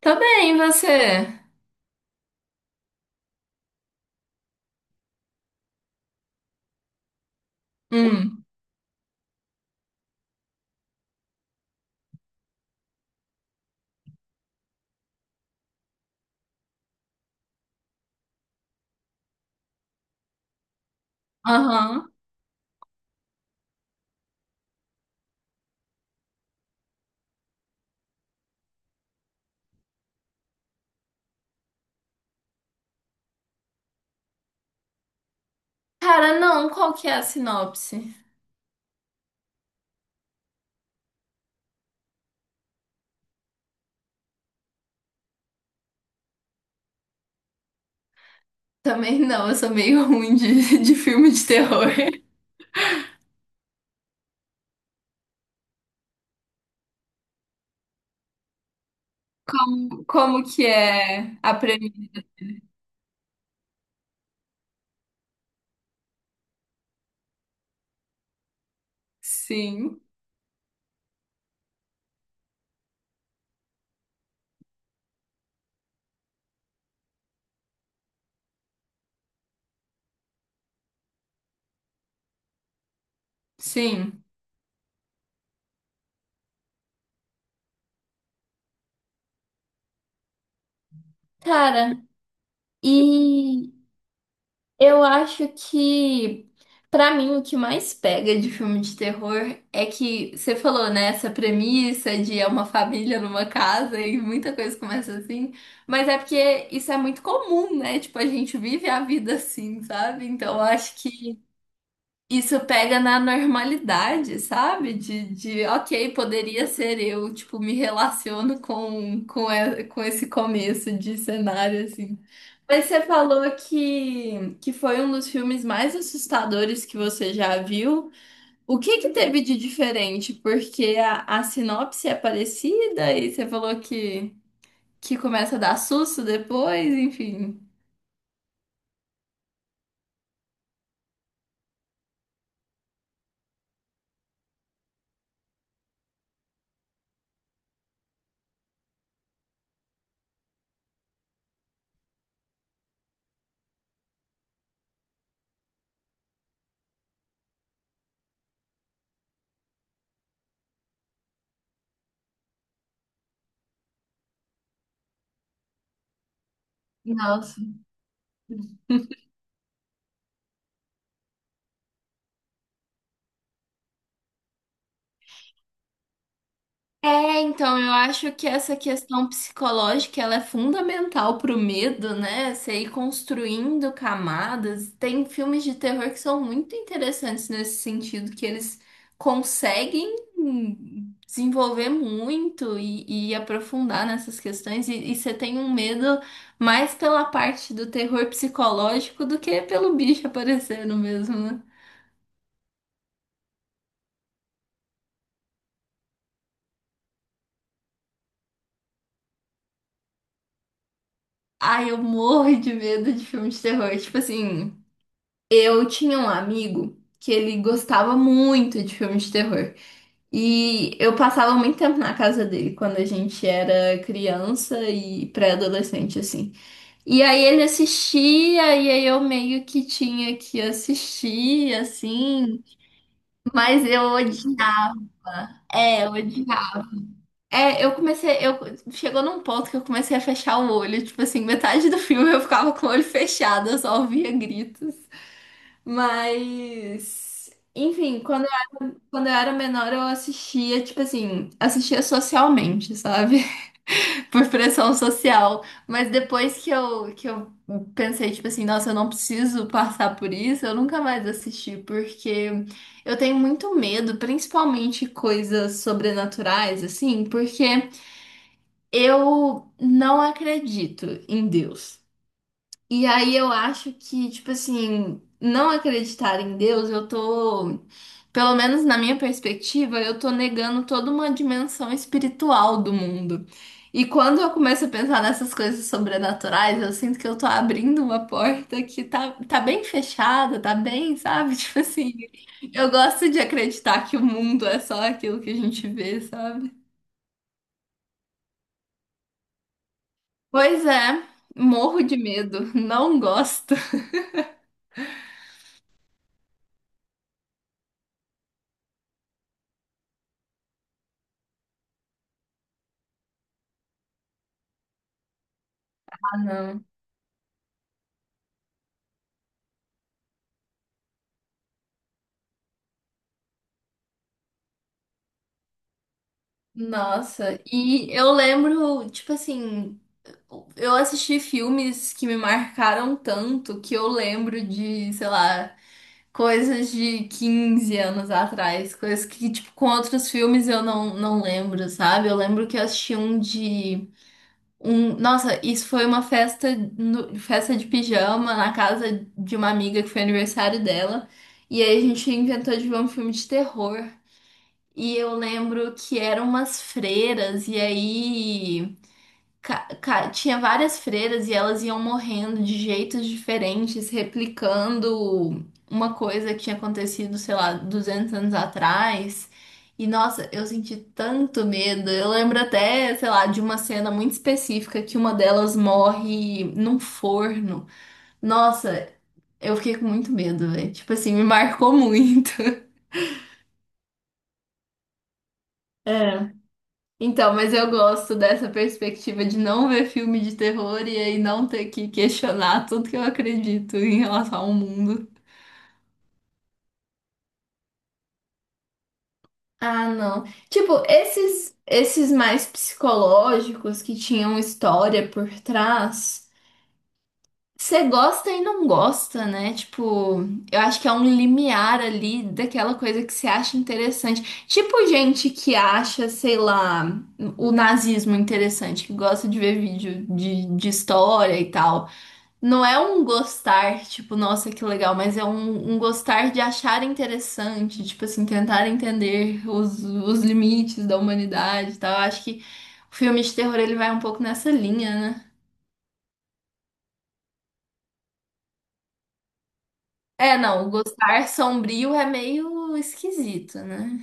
Tá bem, você? Hum, aham. Cara, não, qual que é a sinopse? Também não, eu sou meio ruim de, de filme de terror. Como que é a premissa? Sim, sim. Cara, e eu acho que, pra mim, o que mais pega de filme de terror é que você falou, né, essa premissa de é uma família numa casa e muita coisa começa assim, mas é porque isso é muito comum, né? Tipo, a gente vive a vida assim, sabe? Então, eu acho que isso pega na normalidade, sabe? Ok, poderia ser eu, tipo, me relaciono com esse começo de cenário, assim. Mas você falou que foi um dos filmes mais assustadores que você já viu. O que que teve de diferente? Porque a sinopse é parecida e você falou que, começa a dar susto depois, enfim. Nossa. É, então, eu acho que essa questão psicológica, ela é fundamental pro medo, né? Você ir construindo camadas. Tem filmes de terror que são muito interessantes nesse sentido, que eles conseguem desenvolver muito e aprofundar nessas questões. E você tem um medo mais pela parte do terror psicológico do que pelo bicho aparecendo mesmo, né? Ai, eu morro de medo de filme de terror. Tipo assim. Eu tinha um amigo que ele gostava muito de filmes de terror. E eu passava muito tempo na casa dele quando a gente era criança e pré-adolescente, assim. E aí ele assistia, e aí eu meio que tinha que assistir, assim. Mas eu odiava. É, eu odiava. É, eu comecei. Eu, chegou num ponto que eu comecei a fechar o olho. Tipo assim, metade do filme eu ficava com o olho fechado, eu só ouvia gritos. Mas, enfim, quando eu era menor, eu assistia, tipo assim, assistia socialmente, sabe? Por pressão social. Mas depois que eu pensei, tipo assim, nossa, eu não preciso passar por isso, eu nunca mais assisti, porque eu tenho muito medo, principalmente coisas sobrenaturais, assim, porque eu não acredito em Deus. E aí eu acho que, tipo assim, não acreditar em Deus, eu tô, pelo menos na minha perspectiva, eu tô negando toda uma dimensão espiritual do mundo. E quando eu começo a pensar nessas coisas sobrenaturais, eu sinto que eu tô abrindo uma porta que tá, tá bem fechada, tá bem, sabe? Tipo assim, eu gosto de acreditar que o mundo é só aquilo que a gente vê, sabe? Pois é, morro de medo, não gosto. Ah, não. Nossa, e eu lembro, tipo assim, eu assisti filmes que me marcaram tanto que eu lembro de, sei lá, coisas de 15 anos atrás, coisas que, tipo, com outros filmes eu não lembro, sabe? Eu lembro que eu assisti um de. Um, nossa, isso foi uma festa, festa de pijama na casa de uma amiga que foi aniversário dela. E aí a gente inventou de ver um filme de terror. E eu lembro que eram umas freiras, e aí tinha várias freiras e elas iam morrendo de jeitos diferentes, replicando uma coisa que tinha acontecido, sei lá, 200 anos atrás. E nossa, eu senti tanto medo. Eu lembro até, sei lá, de uma cena muito específica que uma delas morre num forno. Nossa, eu fiquei com muito medo, velho. Tipo assim, me marcou muito. É. Então, mas eu gosto dessa perspectiva de não ver filme de terror e aí não ter que questionar tudo que eu acredito em relação ao mundo. Ah, não. Tipo, esses mais psicológicos que tinham história por trás, você gosta e não gosta, né? Tipo, eu acho que é um limiar ali daquela coisa que você acha interessante. Tipo, gente que acha, sei lá, o nazismo interessante, que gosta de ver vídeo de história e tal. Não é um gostar, tipo, nossa, que legal, mas é um, um gostar de achar interessante, tipo assim, tentar entender os limites da humanidade e tal. Eu acho que o filme de terror ele vai um pouco nessa linha, né? É, não, o gostar sombrio é meio esquisito, né?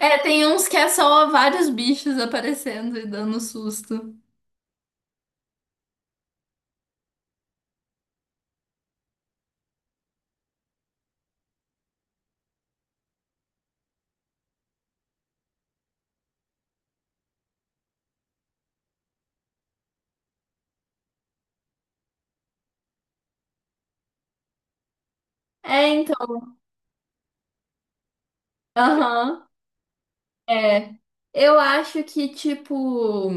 É, tem uns que é só vários bichos aparecendo e dando susto. É, então, aham. É. Eu acho que, tipo.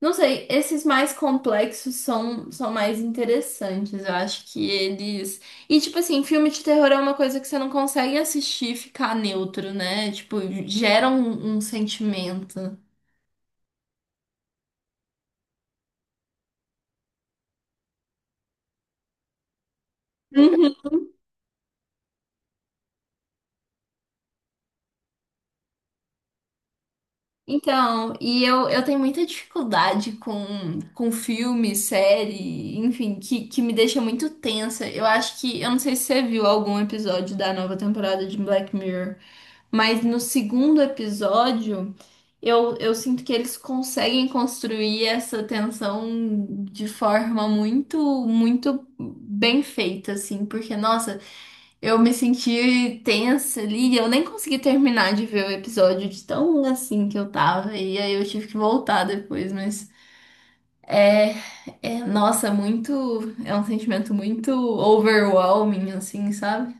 Não sei, esses mais complexos são, são mais interessantes. Eu acho que eles. E, tipo assim, filme de terror é uma coisa que você não consegue assistir e ficar neutro, né? Tipo, gera um sentimento. Uhum. Então, e eu tenho muita dificuldade com filme, série, enfim, que me deixa muito tensa. Eu acho que. Eu não sei se você viu algum episódio da nova temporada de Black Mirror. Mas no segundo episódio, eu sinto que eles conseguem construir essa tensão de forma muito, muito bem feita, assim, porque, nossa, eu me senti tensa ali, eu nem consegui terminar de ver o episódio de tão assim que eu tava, e aí eu tive que voltar depois, mas é, nossa, muito, é um sentimento muito overwhelming, assim, sabe?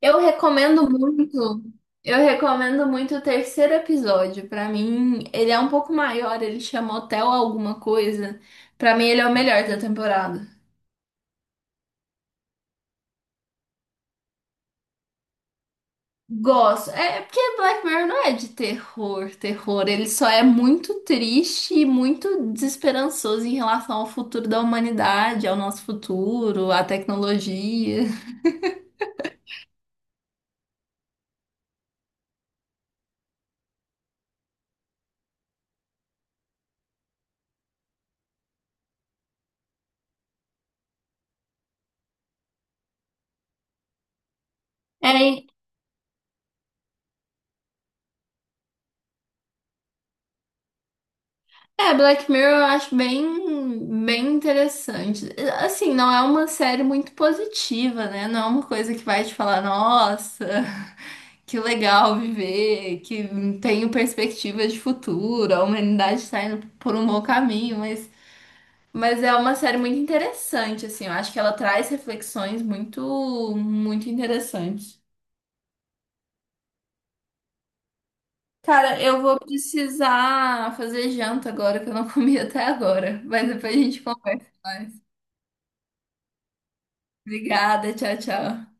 Eu recomendo muito. Eu recomendo muito o terceiro episódio. Pra mim, ele é um pouco maior, ele chama Hotel Alguma Coisa. Pra mim, ele é o melhor da temporada. Gosto. É porque Black Mirror não é de terror, terror. Ele só é muito triste e muito desesperançoso em relação ao futuro da humanidade, ao nosso futuro, à tecnologia. É, É, Black Mirror eu acho bem, bem interessante. Assim, não é uma série muito positiva, né? Não é uma coisa que vai te falar, nossa, que legal viver, que tenho perspectiva de futuro, a humanidade está indo por um bom caminho, mas é uma série muito interessante, assim. Eu acho que ela traz reflexões muito, muito interessantes. Cara, eu vou precisar fazer janta agora, que eu não comi até agora, mas depois a gente conversa mais. Obrigada, tchau, tchau.